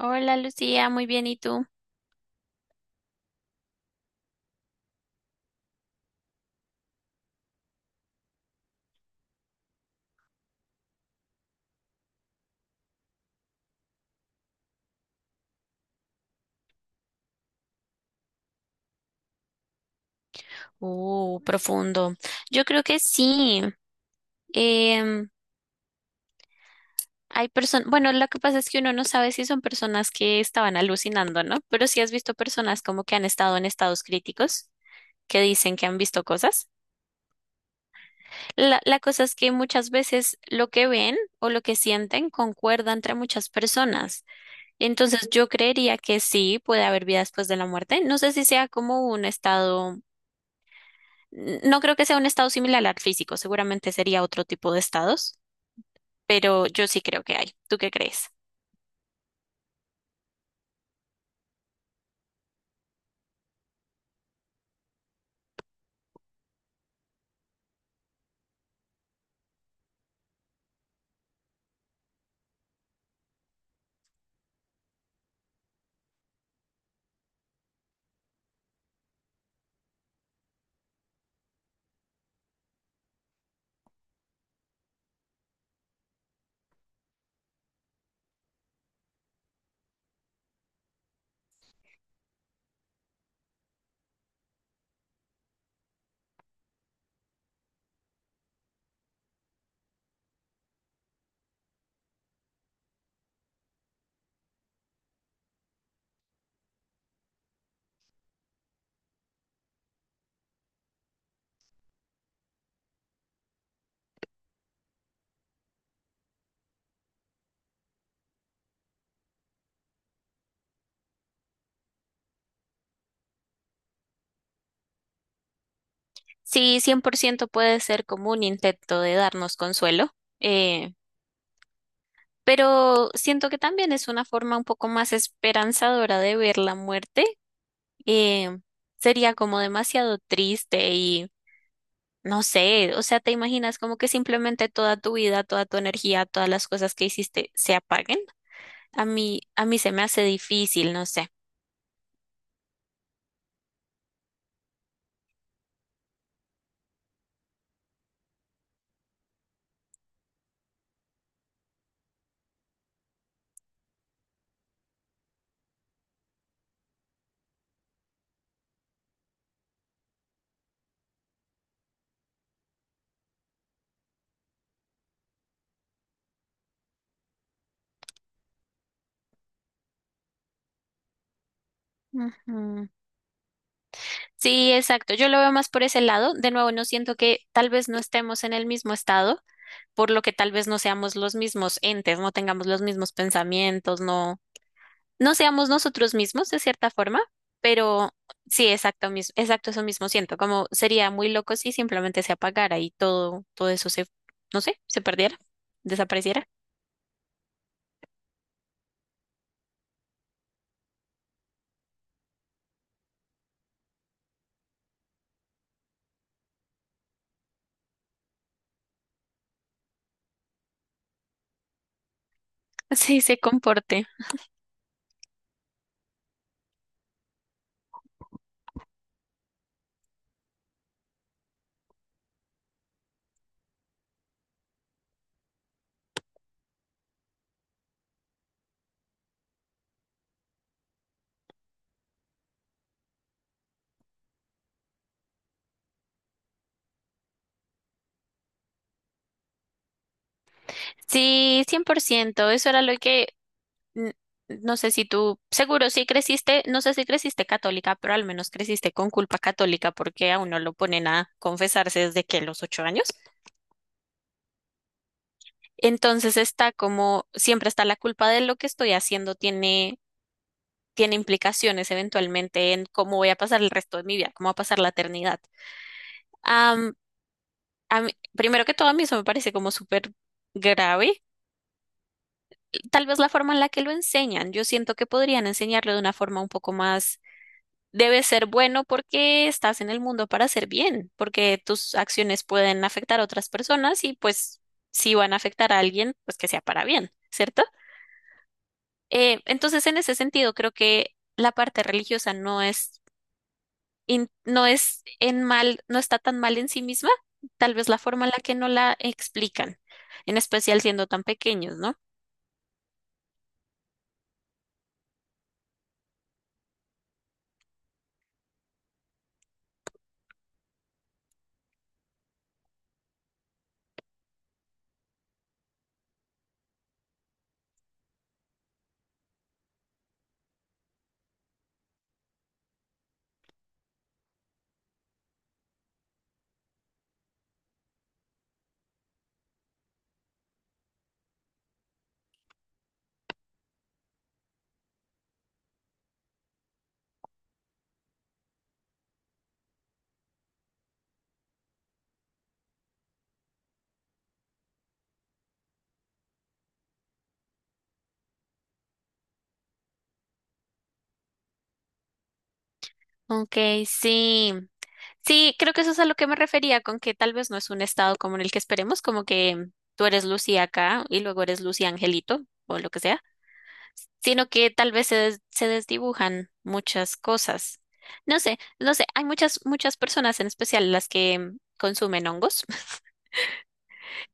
Hola Lucía, muy bien, ¿y tú? Profundo. Yo creo que sí. em, Hay personas, bueno, lo que pasa es que uno no sabe si son personas que estaban alucinando, ¿no? Pero sí has visto personas como que han estado en estados críticos, que dicen que han visto cosas. La cosa es que muchas veces lo que ven o lo que sienten concuerda entre muchas personas. Entonces yo creería que sí puede haber vida después de la muerte. No sé si sea como un estado. No creo que sea un estado similar al físico, seguramente sería otro tipo de estados, pero yo sí creo que hay. ¿Tú qué crees? Sí, 100% puede ser como un intento de darnos consuelo, eh, pero siento que también es una forma un poco más esperanzadora de ver la muerte. eh, Sería como demasiado triste y no sé, o sea, te imaginas como que simplemente toda tu vida, toda tu energía, todas las cosas que hiciste se apaguen. A mí se me hace difícil, no sé. Ujú. Sí, exacto. Yo lo veo más por ese lado. De nuevo, no siento que tal vez no estemos en el mismo estado, por lo que tal vez no seamos los mismos entes, no tengamos los mismos pensamientos, no, no seamos nosotros mismos de cierta forma, pero sí, exacto, exacto, eso mismo siento, como sería muy loco si simplemente se apagara y todo, todo eso se, no sé, se perdiera, desapareciera. Sí, se comporte. Sí, cien por ciento. Eso era lo que, n- no sé si tú, seguro sí creciste, no sé si creciste católica, pero al menos creciste con culpa católica porque a uno lo ponen a confesarse desde que los 8 años. Entonces está como, siempre está la culpa de lo que estoy haciendo, tiene implicaciones eventualmente en cómo voy a pasar el resto de mi vida, cómo va a pasar la eternidad. Am, primero que todo, a mí eso me parece como súper grave. Tal vez la forma en la que lo enseñan. Yo siento que podrían enseñarlo de una forma un poco más, debe ser bueno porque estás en el mundo para hacer bien, porque tus acciones pueden afectar a otras personas y pues si van a afectar a alguien, pues que sea para bien, ¿cierto? Entonces, en ese sentido, creo que la parte religiosa no es no es en mal, no está tan mal en sí misma, tal vez la forma en la que no la explican, en especial siendo tan pequeños, ¿no? Ok, sí. Sí, creo que eso es a lo que me refería, con que tal vez no es un estado como en el que esperemos, como que tú eres Lucy acá y luego eres Lucy Angelito o lo que sea, sino que tal vez se, se desdibujan muchas cosas. No sé, no sé, hay muchas, muchas personas, en especial las que consumen hongos,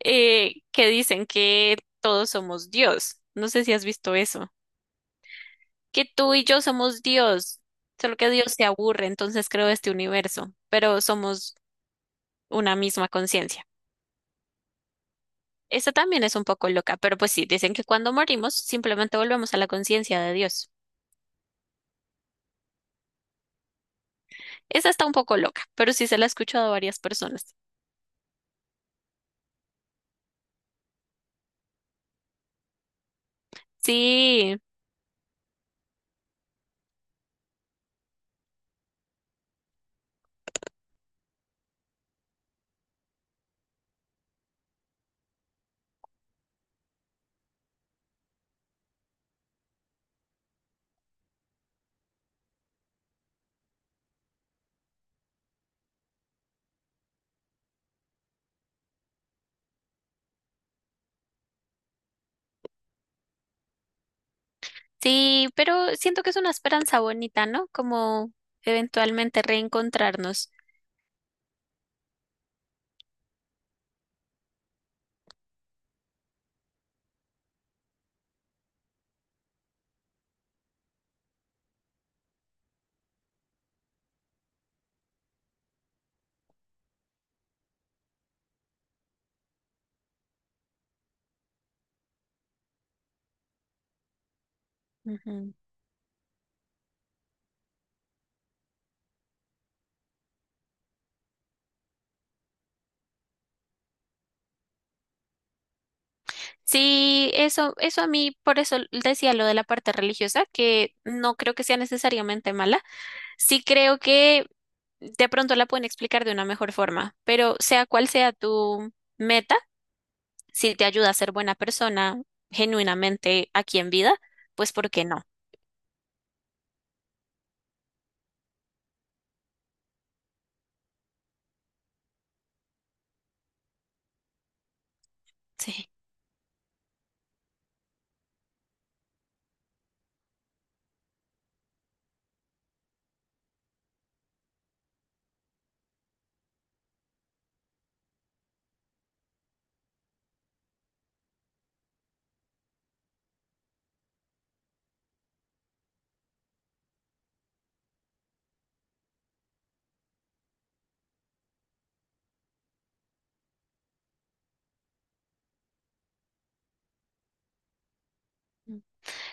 que dicen que todos somos Dios. No sé si has visto eso. Que tú y yo somos Dios, solo que Dios se aburre, entonces creó este universo, pero somos una misma conciencia. Esta también es un poco loca, pero pues sí, dicen que cuando morimos simplemente volvemos a la conciencia de Dios. Esa está un poco loca, pero sí se la he escuchado a varias personas. Sí, sí, pero siento que es una esperanza bonita, ¿no? Como eventualmente reencontrarnos. Sí, eso a mí, por eso decía lo de la parte religiosa, que no creo que sea necesariamente mala. Sí creo que de pronto la pueden explicar de una mejor forma, pero sea cual sea tu meta, si te ayuda a ser buena persona genuinamente aquí en vida, pues ¿por qué no? Sí.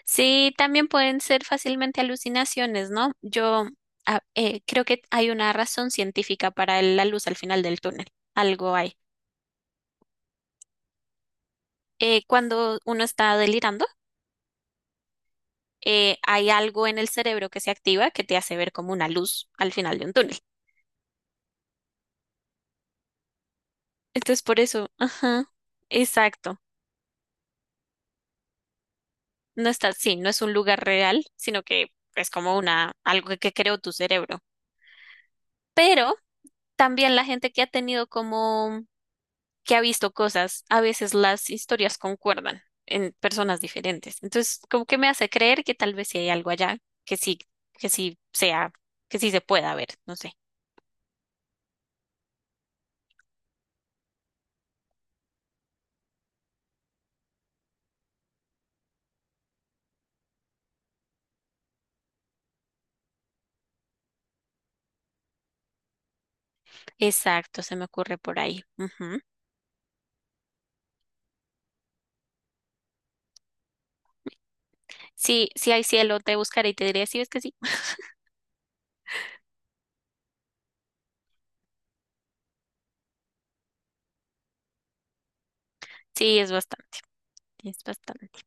Sí, también pueden ser fácilmente alucinaciones, ¿no? Yo creo que hay una razón científica para la luz al final del túnel. Algo hay. Cuando uno está delirando, hay algo en el cerebro que se activa que te hace ver como una luz al final de un túnel. Entonces, por eso, ajá, exacto. No está, sí, no es un lugar real, sino que es como una, algo que creó tu cerebro. Pero también la gente que ha tenido como, que ha visto cosas, a veces las historias concuerdan en personas diferentes. Entonces, como que me hace creer que tal vez sí hay algo allá, que sí, que sí sea, que sí se pueda ver, no sé. Exacto, se me ocurre por ahí. Ujú. Sí, sí hay cielo, te buscaré y te diré si ves que sí. Sí, es bastante, es bastante.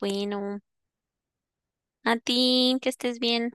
Bueno, a ti, que estés bien.